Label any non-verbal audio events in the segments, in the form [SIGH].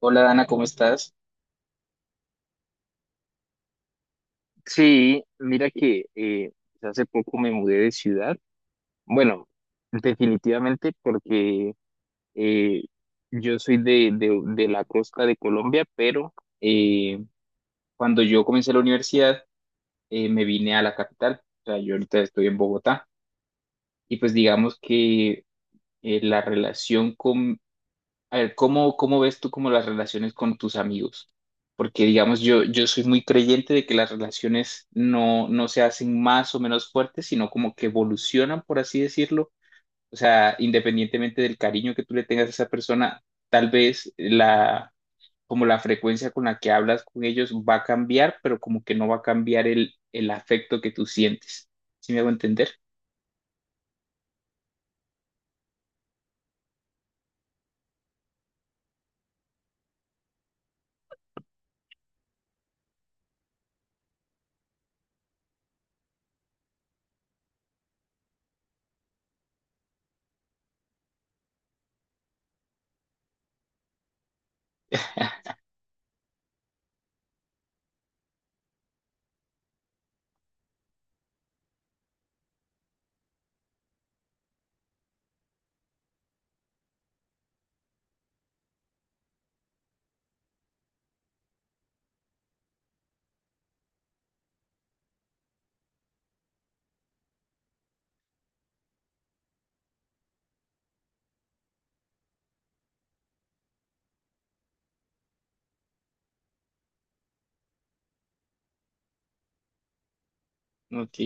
Hola Dana, ¿cómo estás? Sí, mira que hace poco me mudé de ciudad. Bueno, definitivamente porque eh, yo soy de la costa de Colombia, pero eh, cuando yo comencé la universidad, me vine a la capital. O sea, yo ahorita estoy en Bogotá y pues digamos que la relación con. A ver, ¿cómo, cómo ves tú como las relaciones con tus amigos? Porque, digamos, yo soy muy creyente de que las relaciones no, no se hacen más o menos fuertes, sino como que evolucionan, por así decirlo. O sea, independientemente del cariño que tú le tengas a esa persona, tal vez la, como la frecuencia con la que hablas con ellos va a cambiar, pero como que no va a cambiar el afecto que tú sientes. ¿Sí me hago entender? Ok,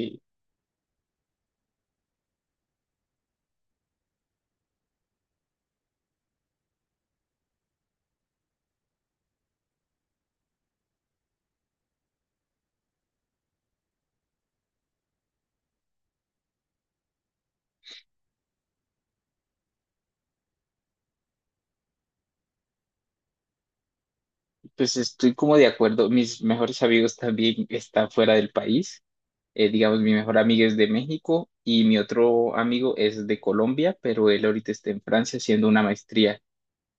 pues estoy como de acuerdo. Mis mejores amigos también están fuera del país. Digamos, mi mejor amiga es de México y mi otro amigo es de Colombia, pero él ahorita está en Francia haciendo una maestría.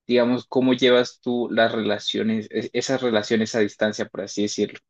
Digamos, ¿cómo llevas tú las relaciones, esas relaciones a distancia, por así decirlo?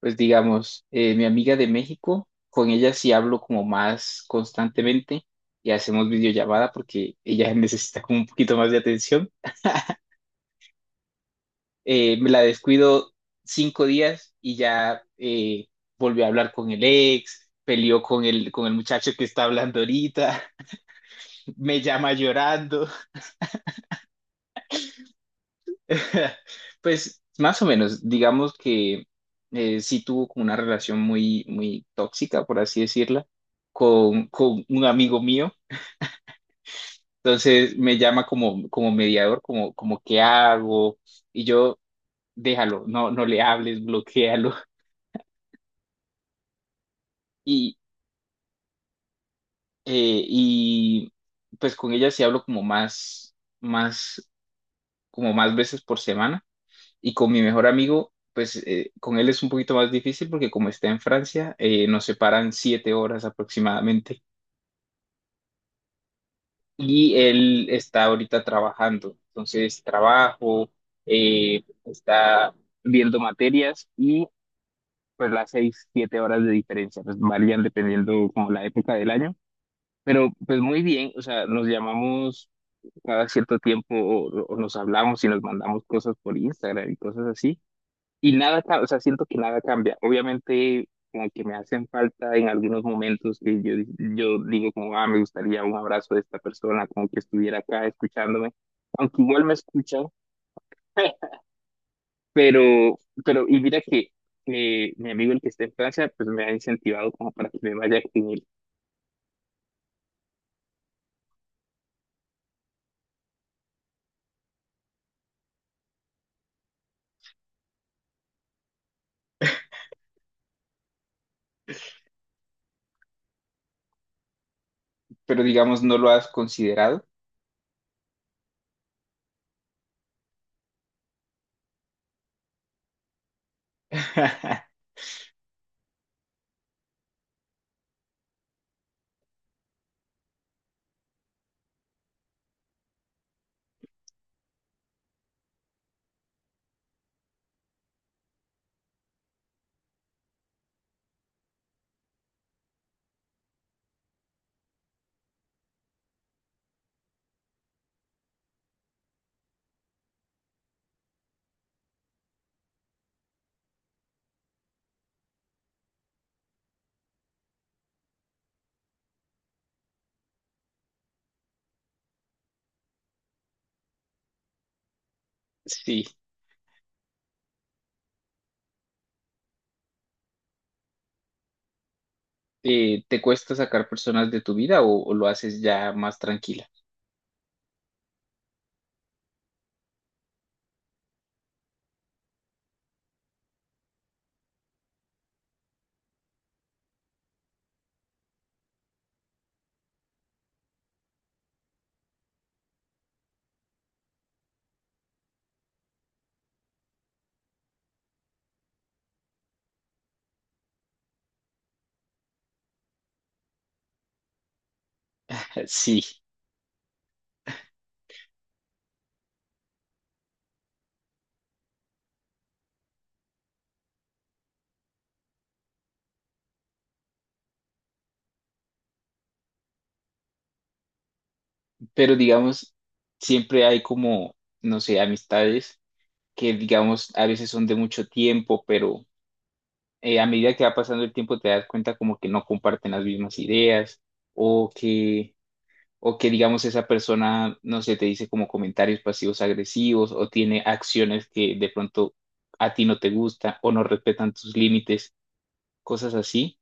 Pues digamos, mi amiga de México, con ella sí hablo como más constantemente y hacemos videollamada porque ella [LAUGHS] necesita como un poquito más de atención. Me la descuido 5 días y ya, volvió a hablar con el ex, peleó con con el muchacho que está hablando ahorita. [LAUGHS] Me llama llorando. [LAUGHS] Pues más o menos, digamos que sí tuvo como una relación muy, muy tóxica, por así decirla, con un amigo mío. Entonces me llama como, como mediador, como, como qué hago, y yo, déjalo, no, no le hables, bloquéalo. [LAUGHS] Y pues con ella sí hablo como más, más, como más veces por semana. Y con mi mejor amigo, pues con él es un poquito más difícil porque como está en Francia, nos separan 7 horas aproximadamente. Y él está ahorita trabajando. Entonces, trabajo, está viendo materias y pues las 6, 7 horas de diferencia, pues varían dependiendo como la época del año. Pero pues muy bien, o sea, nos llamamos cada cierto tiempo o nos hablamos y nos mandamos cosas por Instagram y cosas así. Y nada, ca- o sea, siento que nada cambia. Obviamente, como que me hacen falta en algunos momentos que yo digo como, ah, me gustaría un abrazo de esta persona, como que estuviera acá escuchándome, aunque igual me escucha. [LAUGHS] pero, pero, y mira que mi amigo el que está en Francia, pues me ha incentivado como para que me vaya con él. Pero digamos, no lo has considerado. [LAUGHS] Sí. ¿Te cuesta sacar personas de tu vida o lo haces ya más tranquila? [LAUGHS] Sí, pero digamos, siempre hay como, no sé, amistades que digamos a veces son de mucho tiempo, pero a medida que va pasando el tiempo te das cuenta como que no comparten las mismas ideas o que, o que digamos esa persona, no sé, te dice como comentarios pasivos agresivos o tiene acciones que de pronto a ti no te gustan o no respetan tus límites, cosas así.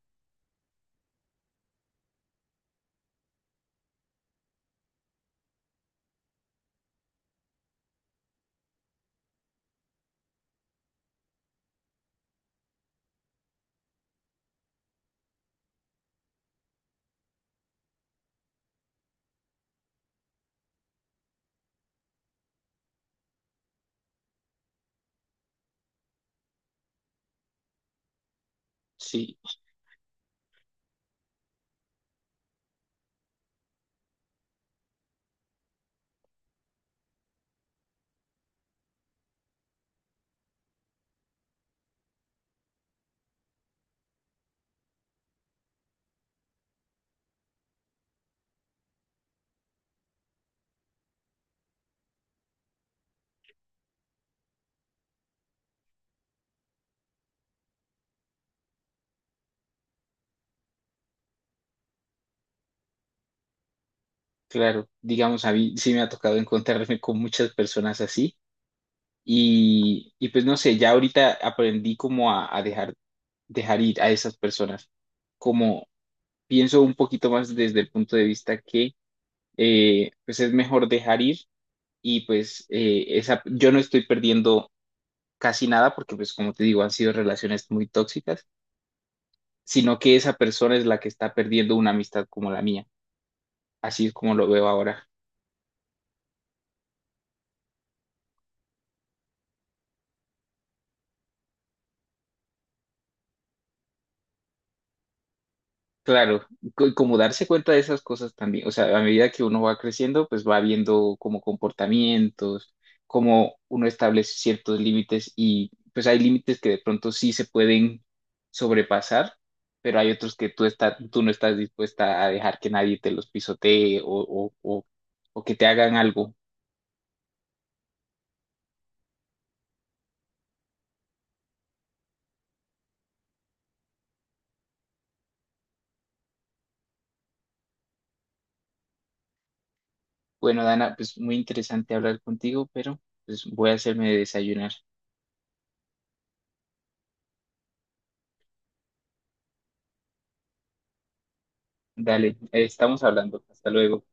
Sí, claro, digamos, a mí sí me ha tocado encontrarme con muchas personas así y pues no sé, ya ahorita aprendí como a dejar, dejar ir a esas personas, como pienso un poquito más desde el punto de vista que pues es mejor dejar ir y pues esa, yo no estoy perdiendo casi nada porque pues como te digo, han sido relaciones muy tóxicas, sino que esa persona es la que está perdiendo una amistad como la mía, así es como lo veo ahora. Claro, como darse cuenta de esas cosas también, o sea, a medida que uno va creciendo, pues va viendo como comportamientos, cómo uno establece ciertos límites y pues hay límites que de pronto sí se pueden sobrepasar, pero hay otros que tú, tú no estás dispuesta a dejar que nadie te los pisotee o que te hagan algo. Bueno, Dana, pues muy interesante hablar contigo, pero pues voy a hacerme de desayunar. Dale, estamos hablando. Hasta luego.